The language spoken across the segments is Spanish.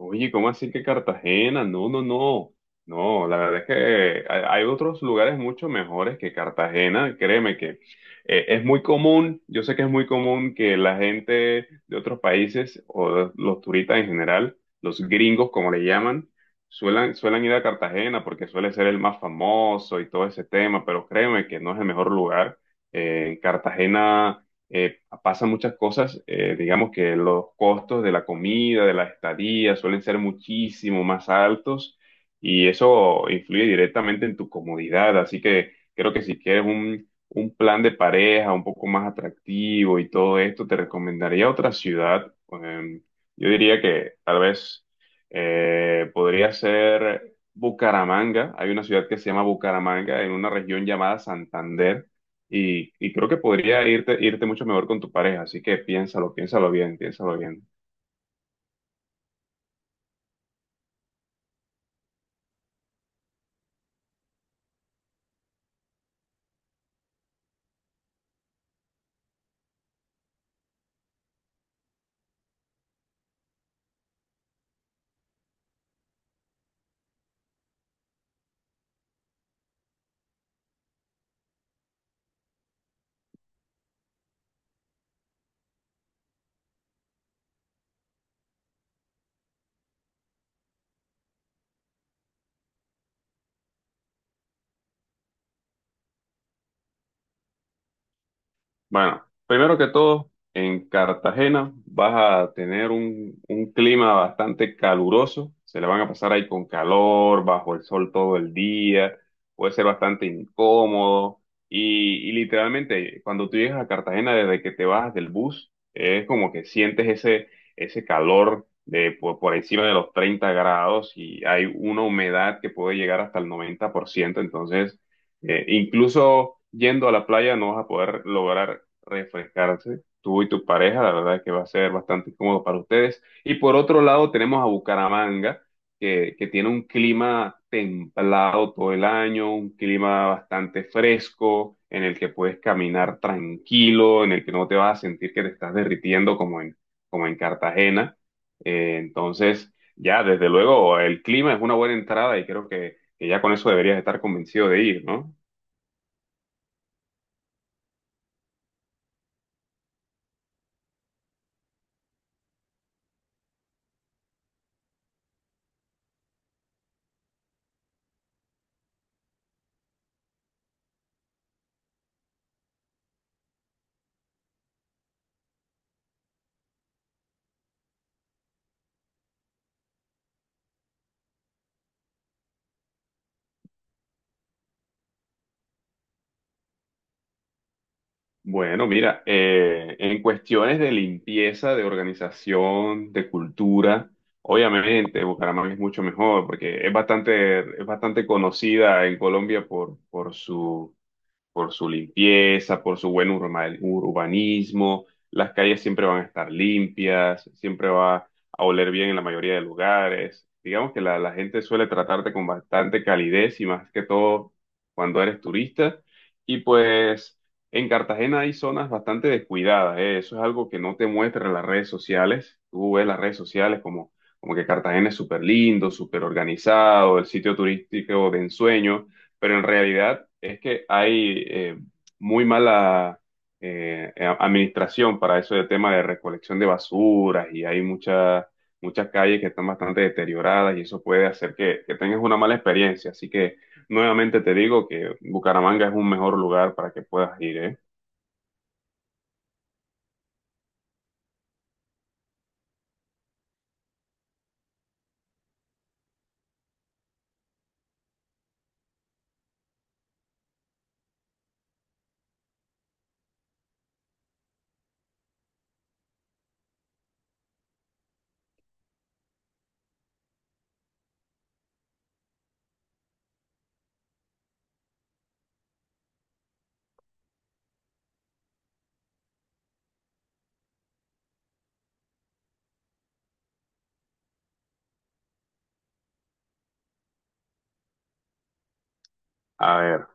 Oye, ¿cómo así que Cartagena? No, no, no. No, la verdad es que hay otros lugares mucho mejores que Cartagena. Créeme que es muy común, yo sé que es muy común que la gente de otros países los turistas en general, los gringos como le llaman, suelen ir a Cartagena porque suele ser el más famoso y todo ese tema, pero créeme que no es el mejor lugar. Cartagena pasan muchas cosas, digamos que los costos de la comida, de la estadía, suelen ser muchísimo más altos y eso influye directamente en tu comodidad. Así que creo que si quieres un plan de pareja un poco más atractivo y todo esto, te recomendaría otra ciudad. Yo diría que tal vez podría ser Bucaramanga. Hay una ciudad que se llama Bucaramanga en una región llamada Santander y creo que podría irte mucho mejor con tu pareja, así que piénsalo, piénsalo bien, piénsalo bien. Bueno, primero que todo, en Cartagena vas a tener un clima bastante caluroso, se le van a pasar ahí con calor, bajo el sol todo el día, puede ser bastante incómodo y literalmente cuando tú llegas a Cartagena desde que te bajas del bus, es como que sientes ese calor de por encima de los 30 grados y hay una humedad que puede llegar hasta el 90%. Entonces... incluso yendo a la playa no vas a poder lograr refrescarse, tú y tu pareja, la verdad que va a ser bastante cómodo para ustedes. Y por otro lado tenemos a Bucaramanga, que tiene un clima templado todo el año, un clima bastante fresco, en el que puedes caminar tranquilo, en el que no te vas a sentir que te estás derritiendo como en Cartagena. Entonces, ya, desde luego, el clima es una buena entrada y creo que ya con eso deberías estar convencido de ir, ¿no? Bueno, mira, en cuestiones de limpieza, de organización, de cultura, obviamente Bucaramanga es mucho mejor porque es bastante conocida en Colombia por su limpieza, por su buen urbanismo. Las calles siempre van a estar limpias, siempre va a oler bien en la mayoría de lugares. Digamos que la gente suele tratarte con bastante calidez y más que todo cuando eres turista. Y pues en Cartagena hay zonas bastante descuidadas, ¿eh? Eso es algo que no te muestran las redes sociales. Tú ves las redes sociales como que Cartagena es súper lindo, súper organizado, el sitio turístico de ensueño, pero en realidad es que hay muy mala administración para eso de tema de recolección de basuras y hay muchas calles que están bastante deterioradas y eso puede hacer que tengas una mala experiencia. Así que nuevamente te digo que Bucaramanga es un mejor lugar para que puedas ir, ¿eh? A ver.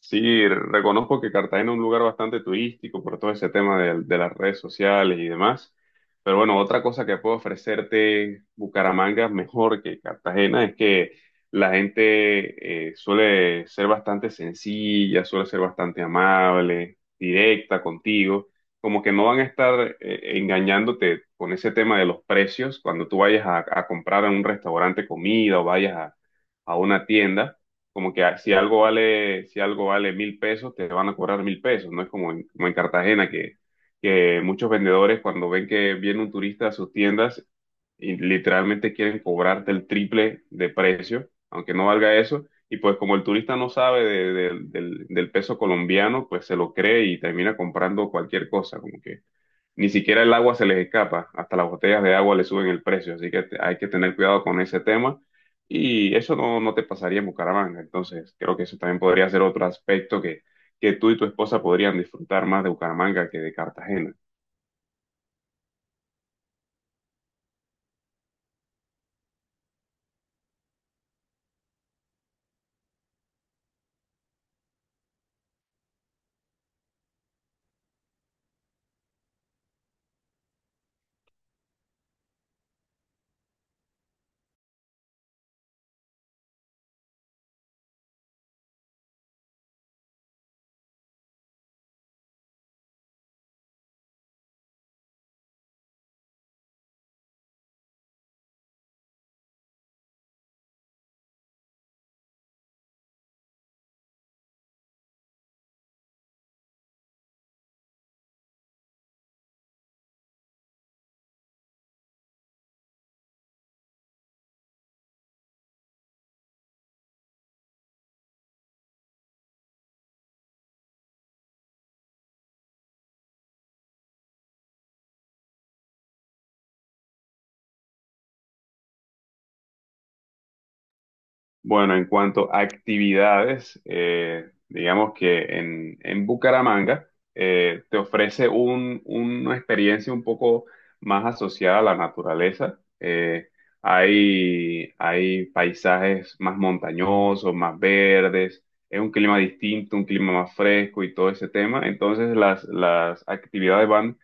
Sí, reconozco que Cartagena es un lugar bastante turístico por todo ese tema de las redes sociales y demás. Pero bueno, otra cosa que puedo ofrecerte Bucaramanga mejor que Cartagena es que la gente suele ser bastante sencilla, suele ser bastante amable, directa contigo. Como que no van a estar engañándote con ese tema de los precios cuando tú vayas a comprar en un restaurante comida o vayas a una tienda, como que si algo vale, si algo vale 1.000 pesos, te van a cobrar 1.000 pesos, no es como como en Cartagena que muchos vendedores cuando ven que viene un turista a sus tiendas y literalmente quieren cobrarte el triple de precio, aunque no valga eso, y pues como el turista no sabe del peso colombiano, pues se lo cree y termina comprando cualquier cosa, como que ni siquiera el agua se les escapa, hasta las botellas de agua le suben el precio, así que hay que tener cuidado con ese tema. Y eso no te pasaría en Bucaramanga, entonces creo que eso también podría ser otro aspecto que tú y tu esposa podrían disfrutar más de Bucaramanga que de Cartagena. Bueno, en cuanto a actividades, digamos que en Bucaramanga te ofrece una experiencia un poco más asociada a la naturaleza. Hay paisajes más montañosos, más verdes, es un clima distinto, un clima más fresco y todo ese tema. Entonces las actividades van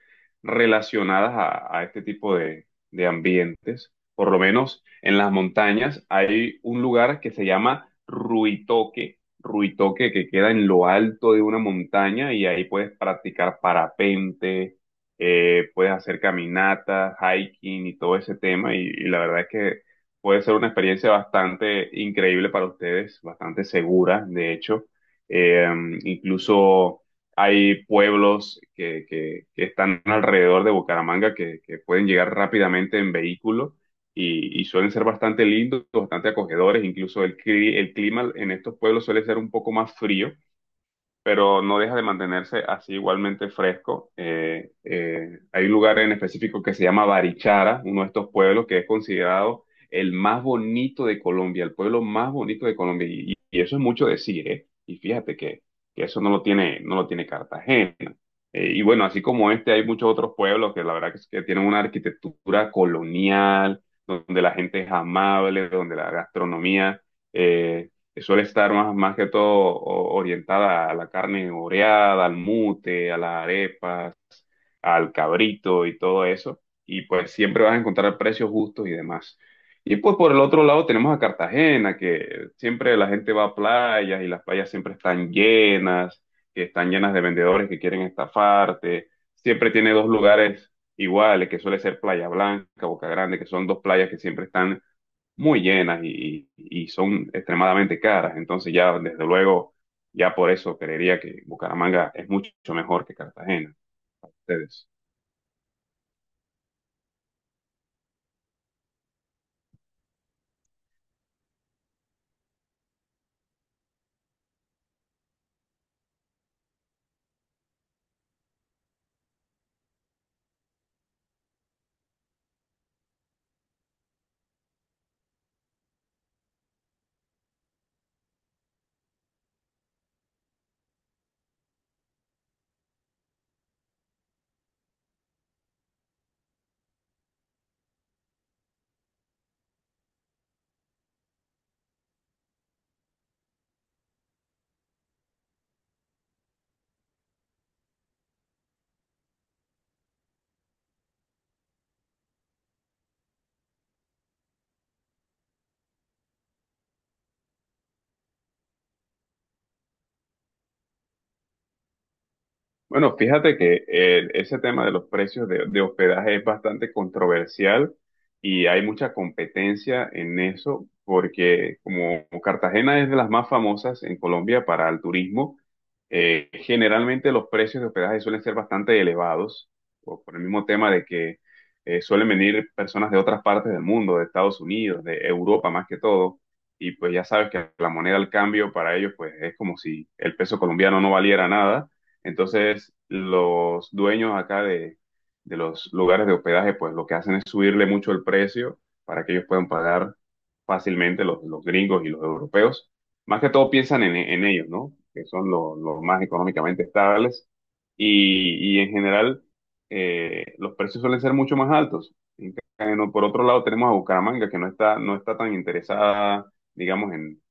relacionadas a este tipo de ambientes. Por lo menos en las montañas, hay un lugar que se llama Ruitoque, Ruitoque que queda en lo alto de una montaña y ahí puedes practicar parapente, puedes hacer caminatas, hiking y todo ese tema y la verdad es que puede ser una experiencia bastante increíble para ustedes, bastante segura, de hecho. Eh, Incluso hay pueblos que están alrededor de Bucaramanga que pueden llegar rápidamente en vehículo y suelen ser bastante lindos, bastante acogedores, incluso el clima en estos pueblos suele ser un poco más frío, pero no deja de mantenerse así igualmente fresco. Hay un lugar en específico que se llama Barichara, uno de estos pueblos que es considerado el más bonito de Colombia, el pueblo más bonito de Colombia, y eso es mucho decir, ¿eh? Y fíjate que eso no lo tiene, no lo tiene Cartagena. Y bueno, así como este, hay muchos otros pueblos que la verdad que, es que tienen una arquitectura colonial, donde la gente es amable, donde la gastronomía eh, suele estar más que todo orientada a la carne oreada, al mute, a las arepas, al cabrito y todo eso. Y pues siempre vas a encontrar precios justos y demás. Y pues por el otro lado tenemos a Cartagena, que siempre la gente va a playas y las playas siempre están llenas, que están llenas de vendedores que quieren estafarte. Siempre tiene dos lugares iguales, que suele ser Playa Blanca, Boca Grande, que son dos playas que siempre están muy llenas y son extremadamente caras. Entonces ya, desde luego, ya por eso creería que Bucaramanga es mucho mejor que Cartagena. Ustedes. Bueno, fíjate que ese tema de los precios de hospedaje es bastante controversial y hay mucha competencia en eso porque como Cartagena es de las más famosas en Colombia para el turismo, generalmente los precios de hospedaje suelen ser bastante elevados, o por el mismo tema de que suelen venir personas de otras partes del mundo, de Estados Unidos, de Europa más que todo, y pues ya sabes que la moneda al cambio para ellos pues es como si el peso colombiano no valiera nada. Entonces, los dueños acá de los lugares de hospedaje, pues lo que hacen es subirle mucho el precio para que ellos puedan pagar fácilmente los gringos y los europeos. Más que todo piensan en ellos, ¿no? Que son los más económicamente estables. Y en general, los precios suelen ser mucho más altos. En cambio, por otro lado, tenemos a Bucaramanga, que no está tan interesada, digamos,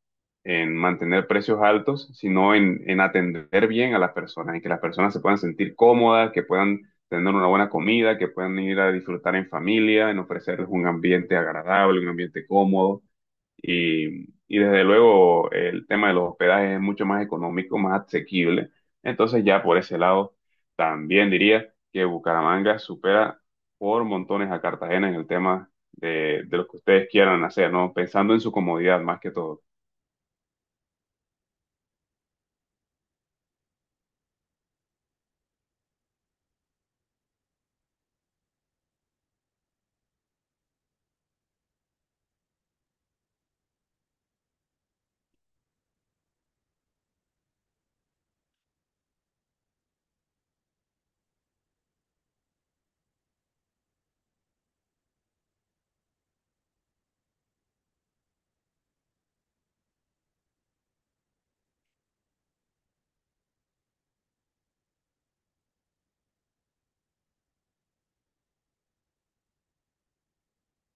en mantener precios altos, sino en atender bien a las personas, en que las personas se puedan sentir cómodas, que puedan tener una buena comida, que puedan ir a disfrutar en familia, en ofrecerles un ambiente agradable, un ambiente cómodo. Y desde luego el tema de los hospedajes es mucho más económico, más asequible. Entonces ya por ese lado, también diría que Bucaramanga supera por montones a Cartagena en el tema de lo que ustedes quieran hacer, ¿no? Pensando en su comodidad más que todo.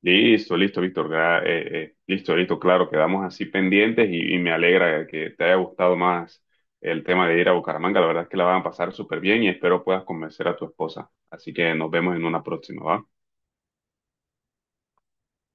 Listo, listo, Víctor. Listo, listo, claro, quedamos así pendientes y me alegra que te haya gustado más el tema de ir a Bucaramanga. La verdad es que la van a pasar súper bien y espero puedas convencer a tu esposa. Así que nos vemos en una próxima, ¿va?